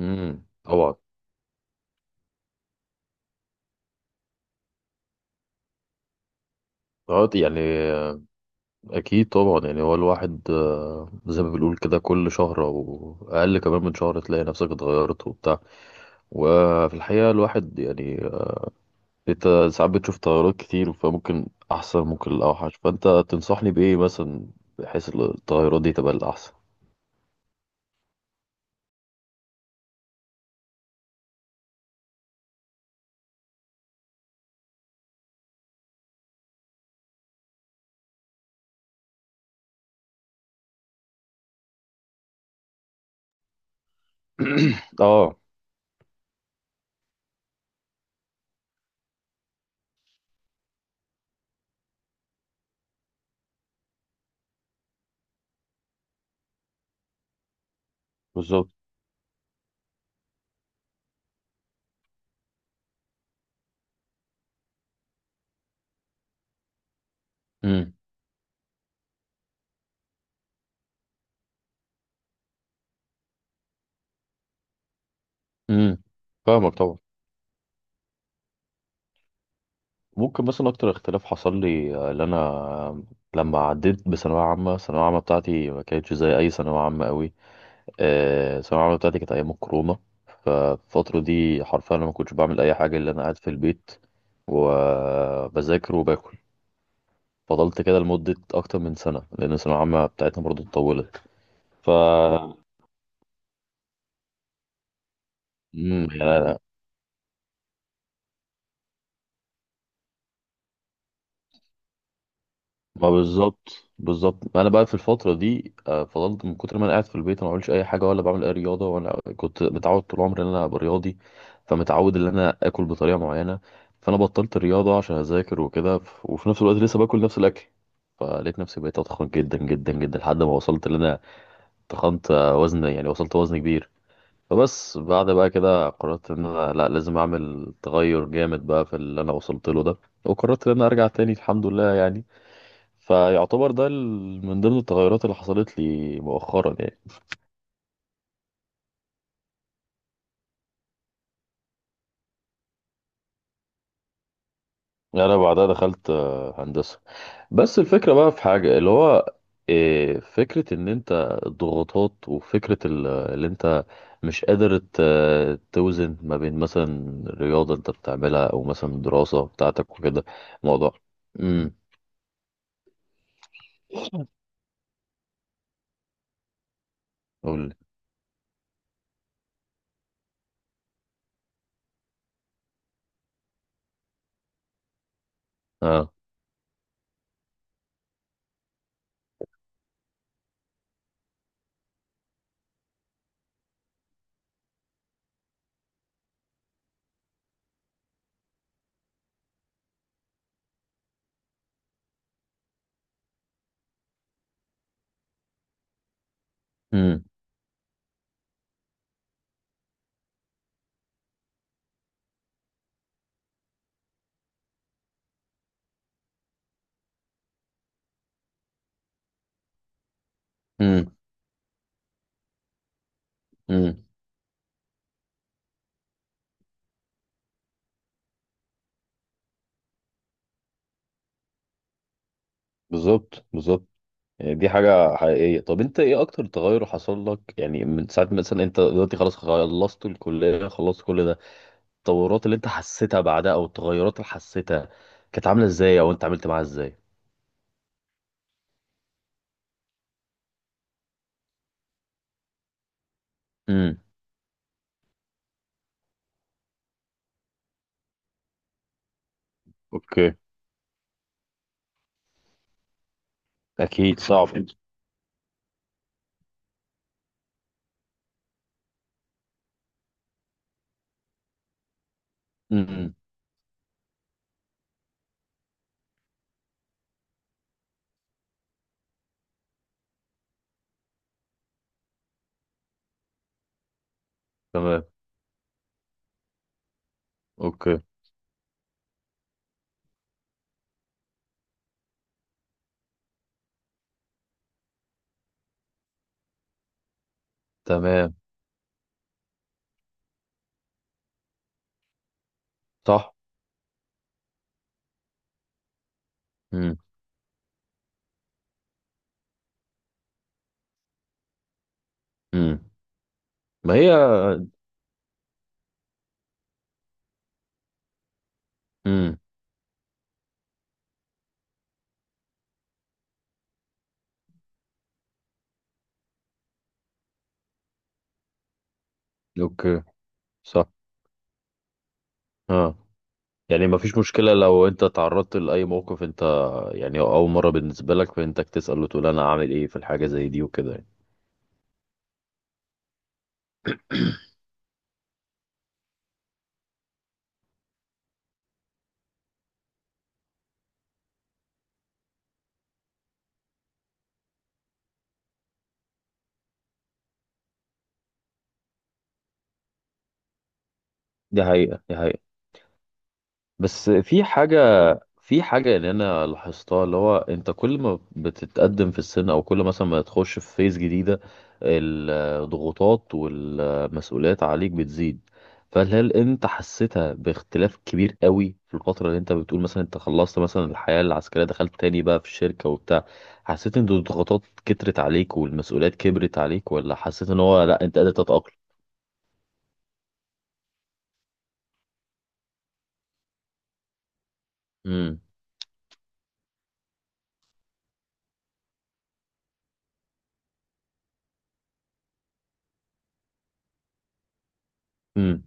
طبعا. اه يعني آه، اكيد طبعا، يعني هو الواحد زي ما بنقول كده كل شهر او اقل كمان من شهر تلاقي نفسك اتغيرت وبتاع. وفي الحقيقة الواحد يعني انت ساعات بتشوف تغيرات كتير، فممكن احسن ممكن الاوحش. فانت تنصحني بايه مثلا بحيث التغيرات دي تبقى الاحسن؟ اه. بالظبط. امم. امم. فاهمك طبعا. ممكن مثلا اكتر اختلاف حصل لي اللي انا لما عديت بثانويه عامه، الثانويه العامه بتاعتي ما كانتش زي اي ثانويه عامه قوي. الثانويه العامه بتاعتي كانت ايام الكورونا. فالفتره دي حرفيا انا ما كنتش بعمل اي حاجه الا انا قاعد في البيت وبذاكر وباكل. فضلت كده لمده اكتر من سنه لان الثانويه العامه بتاعتنا برضو اتطولت. ف يعني ما بالظبط بالظبط. انا بقى في الفتره دي فضلت من كتر ما انا قاعد في البيت، أنا ما بعملش اي حاجه ولا بعمل اي رياضه. وانا كنت متعود طول عمري ان انا ابقى رياضي، فمتعود ان انا اكل بطريقه معينه. فانا بطلت الرياضه عشان اذاكر وكده. وفي نفس الوقت لسه باكل نفس الاكل، فلقيت نفسي بقيت اتخن جدا جدا جدا لحد ما وصلت ان انا تخنت. وزن يعني وصلت وزن كبير. فبس بعد بقى كده قررت ان انا لا لازم اعمل تغير جامد بقى في اللي انا وصلت له ده، وقررت ان انا ارجع تاني الحمد لله يعني. فيعتبر ده من ضمن التغيرات اللي حصلت لي مؤخرا يعني. يعني انا بعدها دخلت هندسة. بس الفكرة بقى في حاجة اللي هو فكرة ان انت الضغوطات، وفكرة اللي انت مش قادر توزن ما بين مثلا رياضة انت بتعملها او مثلا الدراسة بتاعتك وكده. موضوع. امم. قول لي. اه. امم. امم. امم. بالظبط بالظبط. يعني دي حاجة حقيقية. طب انت ايه اكتر تغير حصل لك يعني؟ من ساعة مثلا انت دلوقتي خلاص خلصت الكلية خلصت كل ده، التطورات اللي انت حسيتها بعدها او التغيرات اللي حسيتها كانت عاملة ازاي، او انت عملت معاها ازاي؟ امم. اوكي. اكيد صعب. امم. تمام. اوكي. تمام. صح. امم. امم. ما هي. امم. اوكي. صح. اه. يعني ما فيش مشكلة لو انت تعرضت لأي موقف انت يعني اول مرة بالنسبة لك، فانتك تسأل وتقول انا اعمل ايه في الحاجة زي دي وكده يعني. دي حقيقة دي حقيقة. بس في حاجة اللي أنا لاحظتها اللي هو أنت كل ما بتتقدم في السن، أو كل مثلا ما تخش في فيز جديدة، الضغوطات والمسؤوليات عليك بتزيد. فهل أنت حسيتها باختلاف كبير قوي في الفترة اللي أنت بتقول مثلا أنت خلصت مثلا الحياة العسكرية، دخلت تاني بقى في الشركة وبتاع؟ حسيت إن الضغوطات كترت عليك والمسؤوليات كبرت عليك، ولا حسيت إن هو لأ أنت قادر تتأقلم؟ امم. امم.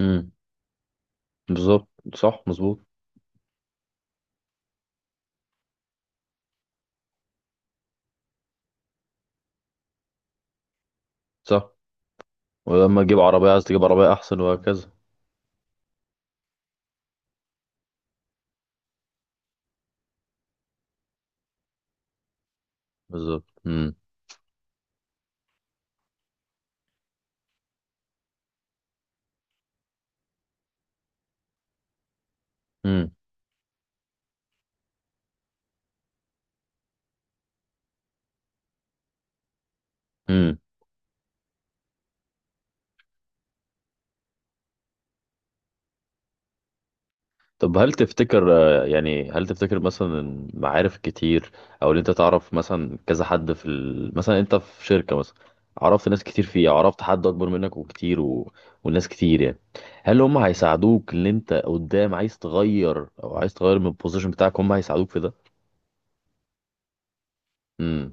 امم. بالظبط. صح مظبوط. صح. ولما تجيب عربية عايز تجيب عربية أحسن وهكذا. بالظبط. مم. مم. مم. طب هل تفتكر يعني هل تفتكر مثلا إن معارف كتير، أو إن أنت تعرف مثلا كذا حد في ال... مثلا أنت في شركة مثلا، عرفت ناس كتير فيها، عرفت حد أكبر منك وكتير و... والناس كتير يعني، هل هم هيساعدوك إن أنت قدام عايز تغير، أو عايز تغير من البوزيشن بتاعك، هم هيساعدوك في ده؟ مم.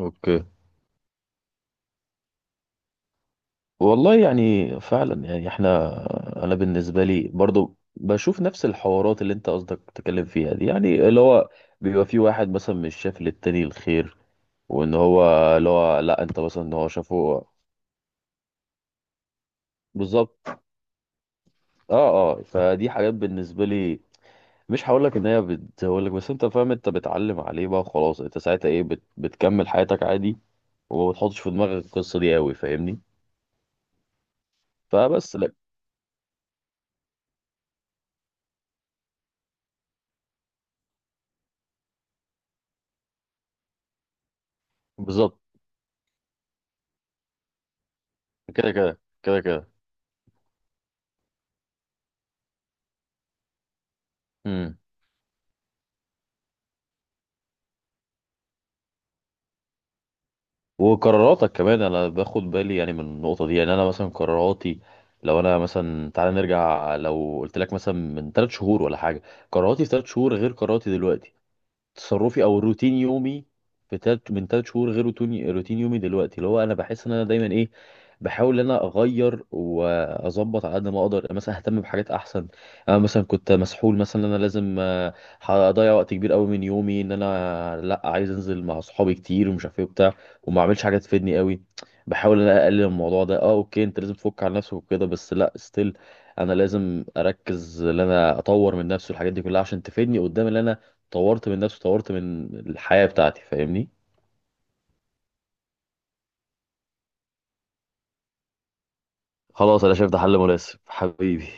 أوكي. والله يعني فعلا يعني احنا، انا بالنسبه لي برضو بشوف نفس الحوارات اللي انت قصدك تتكلم فيها دي، يعني اللي هو بيبقى في واحد مثلا مش شايف للتاني الخير، وان هو اللي هو لا انت مثلا ان هو شافه. بالظبط. اه. اه. فدي حاجات بالنسبه لي، مش هقول لك ان هي بتزود لك، بس انت فاهم، انت بتعلم عليه بقى خلاص. انت ساعتها ايه بتكمل حياتك عادي، وما بتحطش في دماغك القصه دي قوي، فاهمني؟ فبس لا بالظبط. كده كده كده كده. وقراراتك كمان، انا باخد بالي يعني من النقطه دي. يعني انا مثلا قراراتي، لو انا مثلا تعالى نرجع، لو قلت لك مثلا من 3 شهور ولا حاجه، قراراتي في 3 شهور غير قراراتي دلوقتي. تصرفي او روتين يومي في تلت من 3 شهور غير روتين يومي دلوقتي. اللي هو انا بحس ان انا دايما ايه، بحاول ان انا اغير واظبط على قد ما اقدر، يعني مثلا اهتم بحاجات احسن. انا مثلا كنت مسحول مثلا ان انا لازم هضيع وقت كبير قوي من يومي. ان انا لا عايز انزل مع اصحابي كتير ومش عارف ايه وبتاع، وما اعملش حاجه تفيدني قوي. بحاول ان انا اقلل الموضوع ده. اه اوكي، انت لازم تفك على نفسك وكده، بس لا ستيل، انا لازم اركز ان انا اطور من نفسي والحاجات دي كلها، عشان تفيدني قدام ان انا طورت من نفسي، طورت من الحياة بتاعتي، فاهمني؟ خلاص انا شايف ده حل مناسب حبيبي.